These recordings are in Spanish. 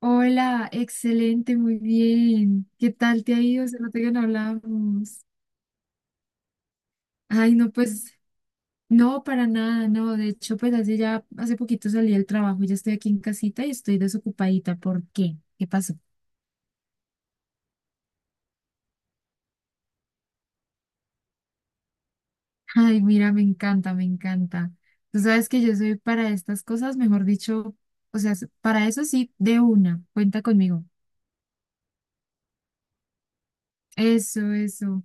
Hola, excelente, muy bien. ¿Qué tal te ha ido? Se nota que no hablábamos. Ay, no, pues, no, para nada, no. De hecho, pues hace ya, hace poquito salí del trabajo, ya estoy aquí en casita y estoy desocupadita. ¿Por qué? ¿Qué pasó? Ay, mira, me encanta, me encanta. Tú sabes que yo soy para estas cosas, mejor dicho, o sea, para eso sí, de una, cuenta conmigo. Eso, eso.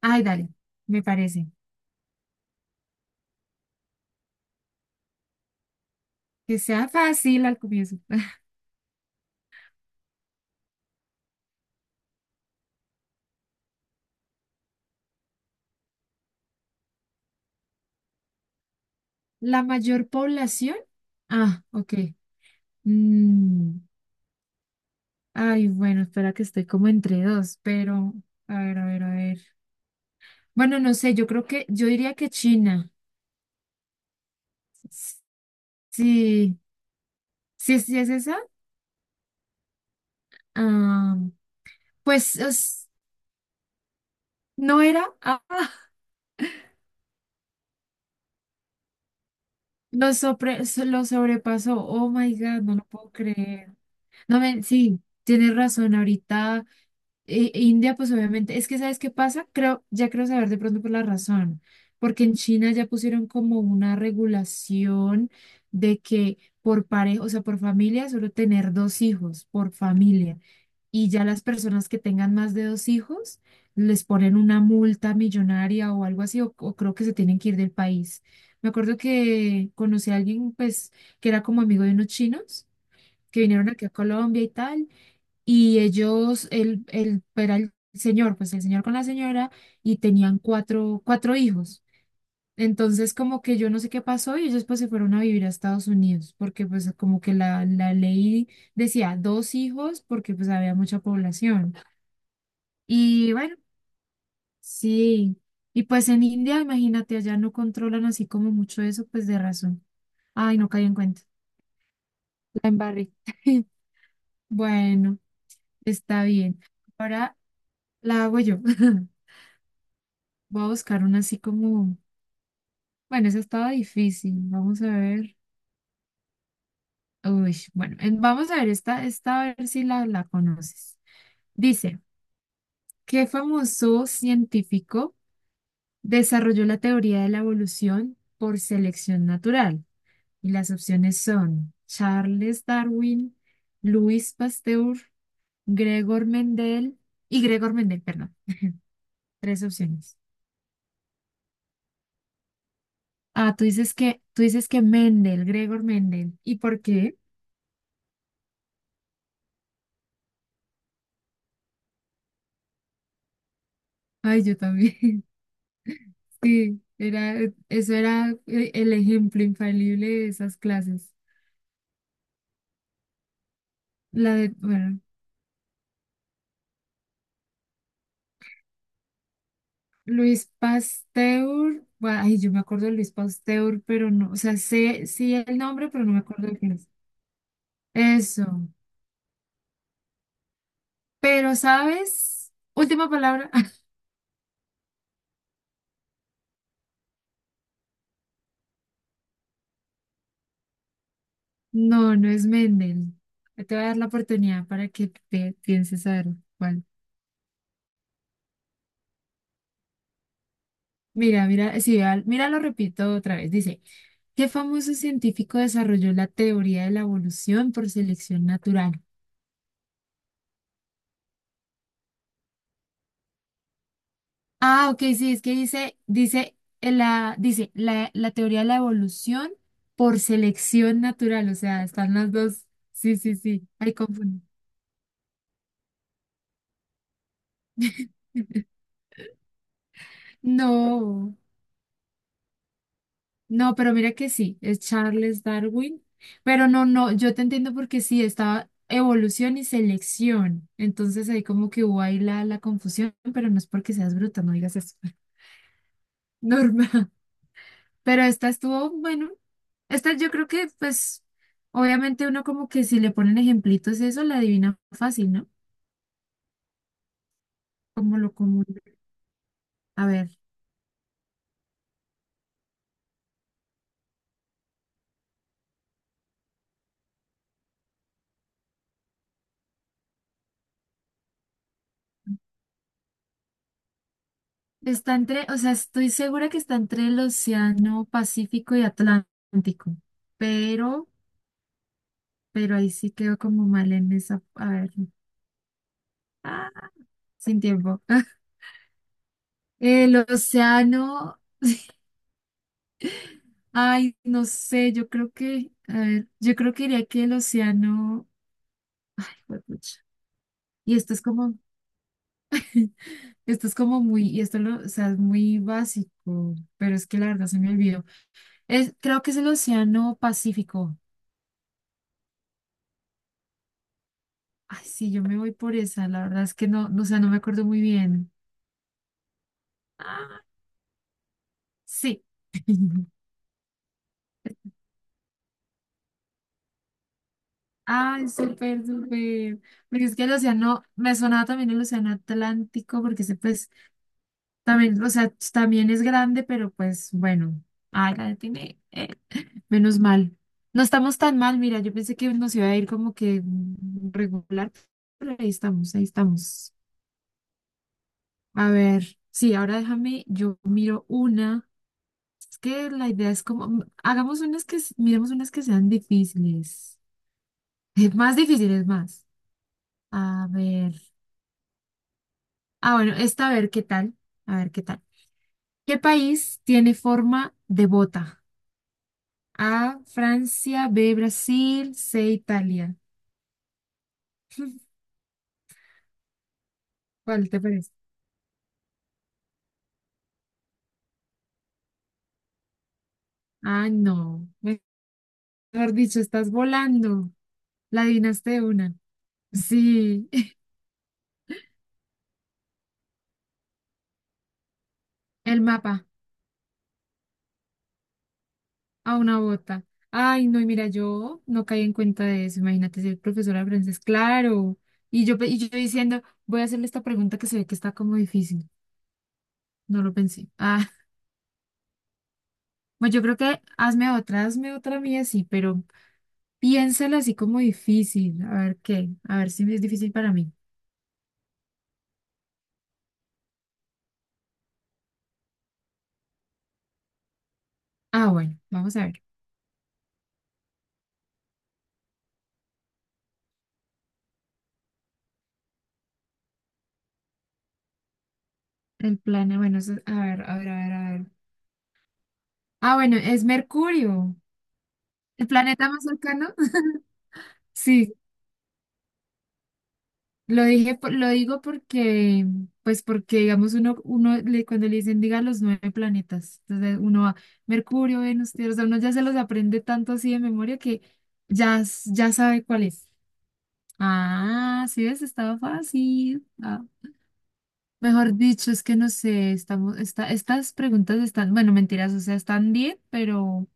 Ay, dale, me parece. Que sea fácil al comienzo. La mayor población. Ah, ok. Mm, Ay, bueno, espera que estoy como entre dos, pero a ver, a ver, a ver. Bueno, no sé, yo creo que, yo diría que China. S- Sí, sí, sí es esa. Ah, pues no era. Ah, lo, lo sobrepasó. Oh my God, no lo puedo creer. No, me, sí, tienes razón. Ahorita. India, pues obviamente, es que ¿sabes qué pasa? Creo, ya creo saber de pronto por la razón, porque en China ya pusieron como una regulación de que por pareja, o sea, por familia, solo tener dos hijos, por familia, y ya las personas que tengan más de dos hijos les ponen una multa millonaria o algo así, o creo que se tienen que ir del país. Me acuerdo que conocí a alguien, pues, que era como amigo de unos chinos que vinieron aquí a Colombia y tal y ellos, él era el señor, pues el señor con la señora, y tenían cuatro hijos. Entonces, como que yo no sé qué pasó y ellos pues se fueron a vivir a Estados Unidos, porque pues como que la ley decía dos hijos, porque pues había mucha población. Y bueno, sí. Y pues en India, imagínate, allá no controlan así como mucho eso, pues de razón. Ay, no caí en cuenta. La embarré. Bueno, está bien. Ahora la hago yo. Voy a buscar una así como, bueno, esa estaba difícil. Vamos a ver. Uy, bueno, vamos a ver esta, esta a ver si la, la conoces. Dice, ¿qué famoso científico desarrolló la teoría de la evolución por selección natural? Y las opciones son Charles Darwin, Luis Pasteur, Gregor Mendel y Gregor Mendel, perdón. Tres opciones. Ah, tú dices que Mendel, Gregor Mendel. ¿Y por qué? Ay, yo también. Sí, era, e, eso era el ejemplo infalible de esas clases. La de, bueno, Luis Pasteur, bueno, ay, yo me acuerdo de Luis Pasteur, pero no, o sea, sé, sí el nombre, pero no me acuerdo de quién es. Eso. Pero, ¿sabes? Última palabra. No, no es Mendel. Te voy a dar la oportunidad para que te pienses a ver cuál. Mira, mira, sí, mira, lo repito otra vez. Dice, ¿qué famoso científico desarrolló la teoría de la evolución por selección natural? Ah, ok, sí, es que dice, dice, dice la, la teoría de la evolución por selección natural, o sea, están las dos. Sí, sí, sí, ahí confundí. No. No, pero mira que sí, es Charles Darwin. Pero no, no, yo te entiendo porque sí, estaba evolución y selección. Entonces ahí como que hubo ahí la, la confusión, pero no es porque seas bruta, no digas eso. Normal. Pero esta estuvo, bueno, esta yo creo que pues obviamente uno como que si le ponen ejemplitos eso, la adivina fácil, ¿no? Como lo común. A ver, está entre, o sea, estoy segura que está entre el Océano Pacífico y Atlántico, pero... pero ahí sí quedó como mal en esa. A ver, ah, sin tiempo. El océano, ay, no sé, yo creo que, a ver, yo creo que diría que el océano, juepucha. Y esto es como muy, y esto lo, o sea, es muy básico, pero es que la verdad se me olvidó. Es, creo que es el océano Pacífico. Ay, sí, yo me voy por esa, la verdad es que no, no, o sea, no me acuerdo muy bien. Ah, sí. Ay, súper, súper. Porque es que el océano, me sonaba también el océano Atlántico, porque ese pues también, o sea, también es grande, pero pues bueno, ay, la tiene, menos mal. No estamos tan mal, mira, yo pensé que nos iba a ir como que regular, pero ahí estamos, ahí estamos. A ver, sí, ahora déjame, yo miro una. Es que la idea es como, hagamos unas que, miremos unas que sean difíciles. Más difíciles, más. A ver. Ah, bueno, esta a ver qué tal. A ver qué tal. ¿Qué país tiene forma de bota? A, Francia, B, Brasil, C, Italia. ¿Cuál te parece? Ah, no. Mejor dicho, estás volando. La adivinaste de una. Sí, el mapa a una bota. Ay, no, y mira, yo no caí en cuenta de eso. Imagínate ser profesora de francés, claro. Y yo, y yo diciendo, voy a hacerle esta pregunta que se ve que está como difícil. No lo pensé. Ah. Pues yo creo que hazme otra mía, sí, pero piénsala así como difícil. A ver qué, a ver si es difícil para mí. Ah, bueno, vamos a ver. El planeta, bueno, a ver, a ver, a ver, a ver. Ah, bueno, es Mercurio, el planeta más cercano. Sí, lo dije, lo digo porque, pues porque, digamos, uno, cuando le dicen, diga los nueve planetas, entonces uno va, Mercurio, Venus, Tierra, o sea, uno ya se los aprende tanto así de memoria que ya, ya sabe cuál es. Ah, sí ves, estaba fácil. Ah, mejor dicho, es que no sé, estamos, esta, estas preguntas están, bueno, mentiras, o sea, están bien,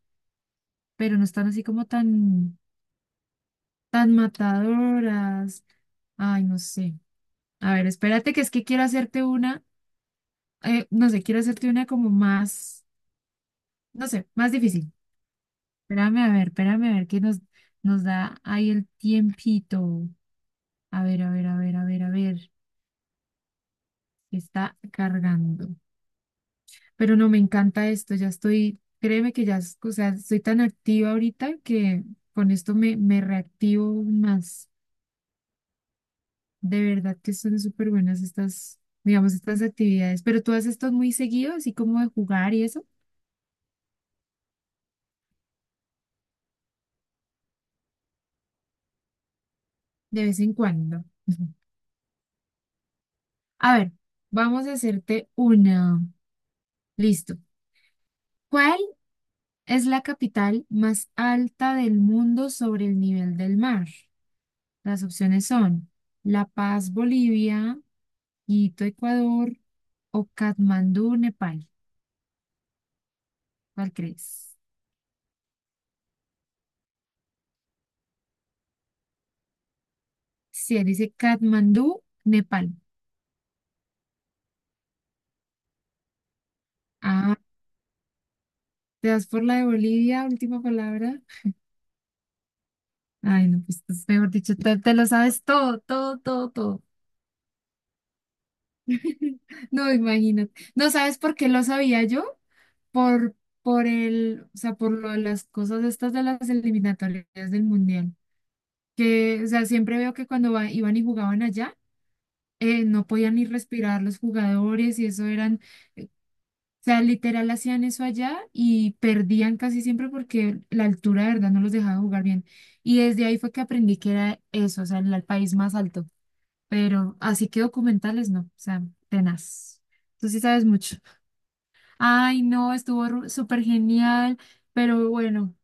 pero no están así como tan, tan matadoras. Ay, no sé. A ver, espérate, que es que quiero hacerte una, no sé, quiero hacerte una como más, no sé, más difícil. Espérame, a ver, que nos, nos da ahí el tiempito. A ver, a ver, a ver, a ver, a ver, que está cargando. Pero no, me encanta esto, ya estoy, créeme que ya, o sea, estoy tan activa ahorita que con esto me, me reactivo más. De verdad que son súper buenas estas, digamos, estas actividades. Pero tú haces esto muy seguido, así como de jugar y eso, de vez en cuando. A ver, vamos a hacerte una. Listo. ¿Cuál es la capital más alta del mundo sobre el nivel del mar? Las opciones son La Paz, Bolivia, Quito, Ecuador o Katmandú, Nepal. ¿Cuál crees? Si él dice Katmandú, Nepal. Ah, ¿te das por la de Bolivia, última palabra? Ay, no, pues pues, mejor dicho, te lo sabes todo, todo, todo, todo. No, imagínate. ¿No sabes por qué lo sabía yo? Por, por el, o sea, por lo de las cosas estas de las eliminatorias del mundial. Que, o sea, siempre veo que cuando iban y jugaban allá no podían ni respirar los jugadores y eso eran, eh, o sea, literal hacían eso allá y perdían casi siempre porque la altura de verdad no los dejaba jugar bien. Y desde ahí fue que aprendí que era eso, o sea, el país más alto. Pero así que documentales no, o sea, tenaz. Tú sí sabes mucho. Ay, no, estuvo súper genial, pero bueno.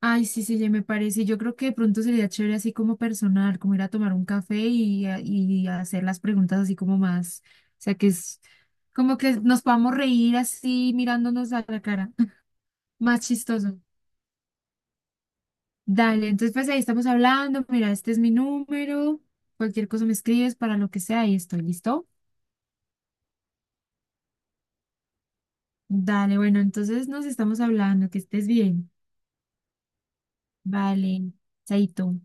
Ay, sí, sí, ya me parece. Yo creo que de pronto sería chévere así como personal, como ir a tomar un café y, y hacer las preguntas así como más. O sea, que es como que nos podamos reír así mirándonos a la cara. Más chistoso. Dale, entonces pues ahí estamos hablando. Mira, este es mi número. Cualquier cosa me escribes para lo que sea y estoy listo. Dale, bueno, entonces nos estamos hablando. Que estés bien. Vale, chaito.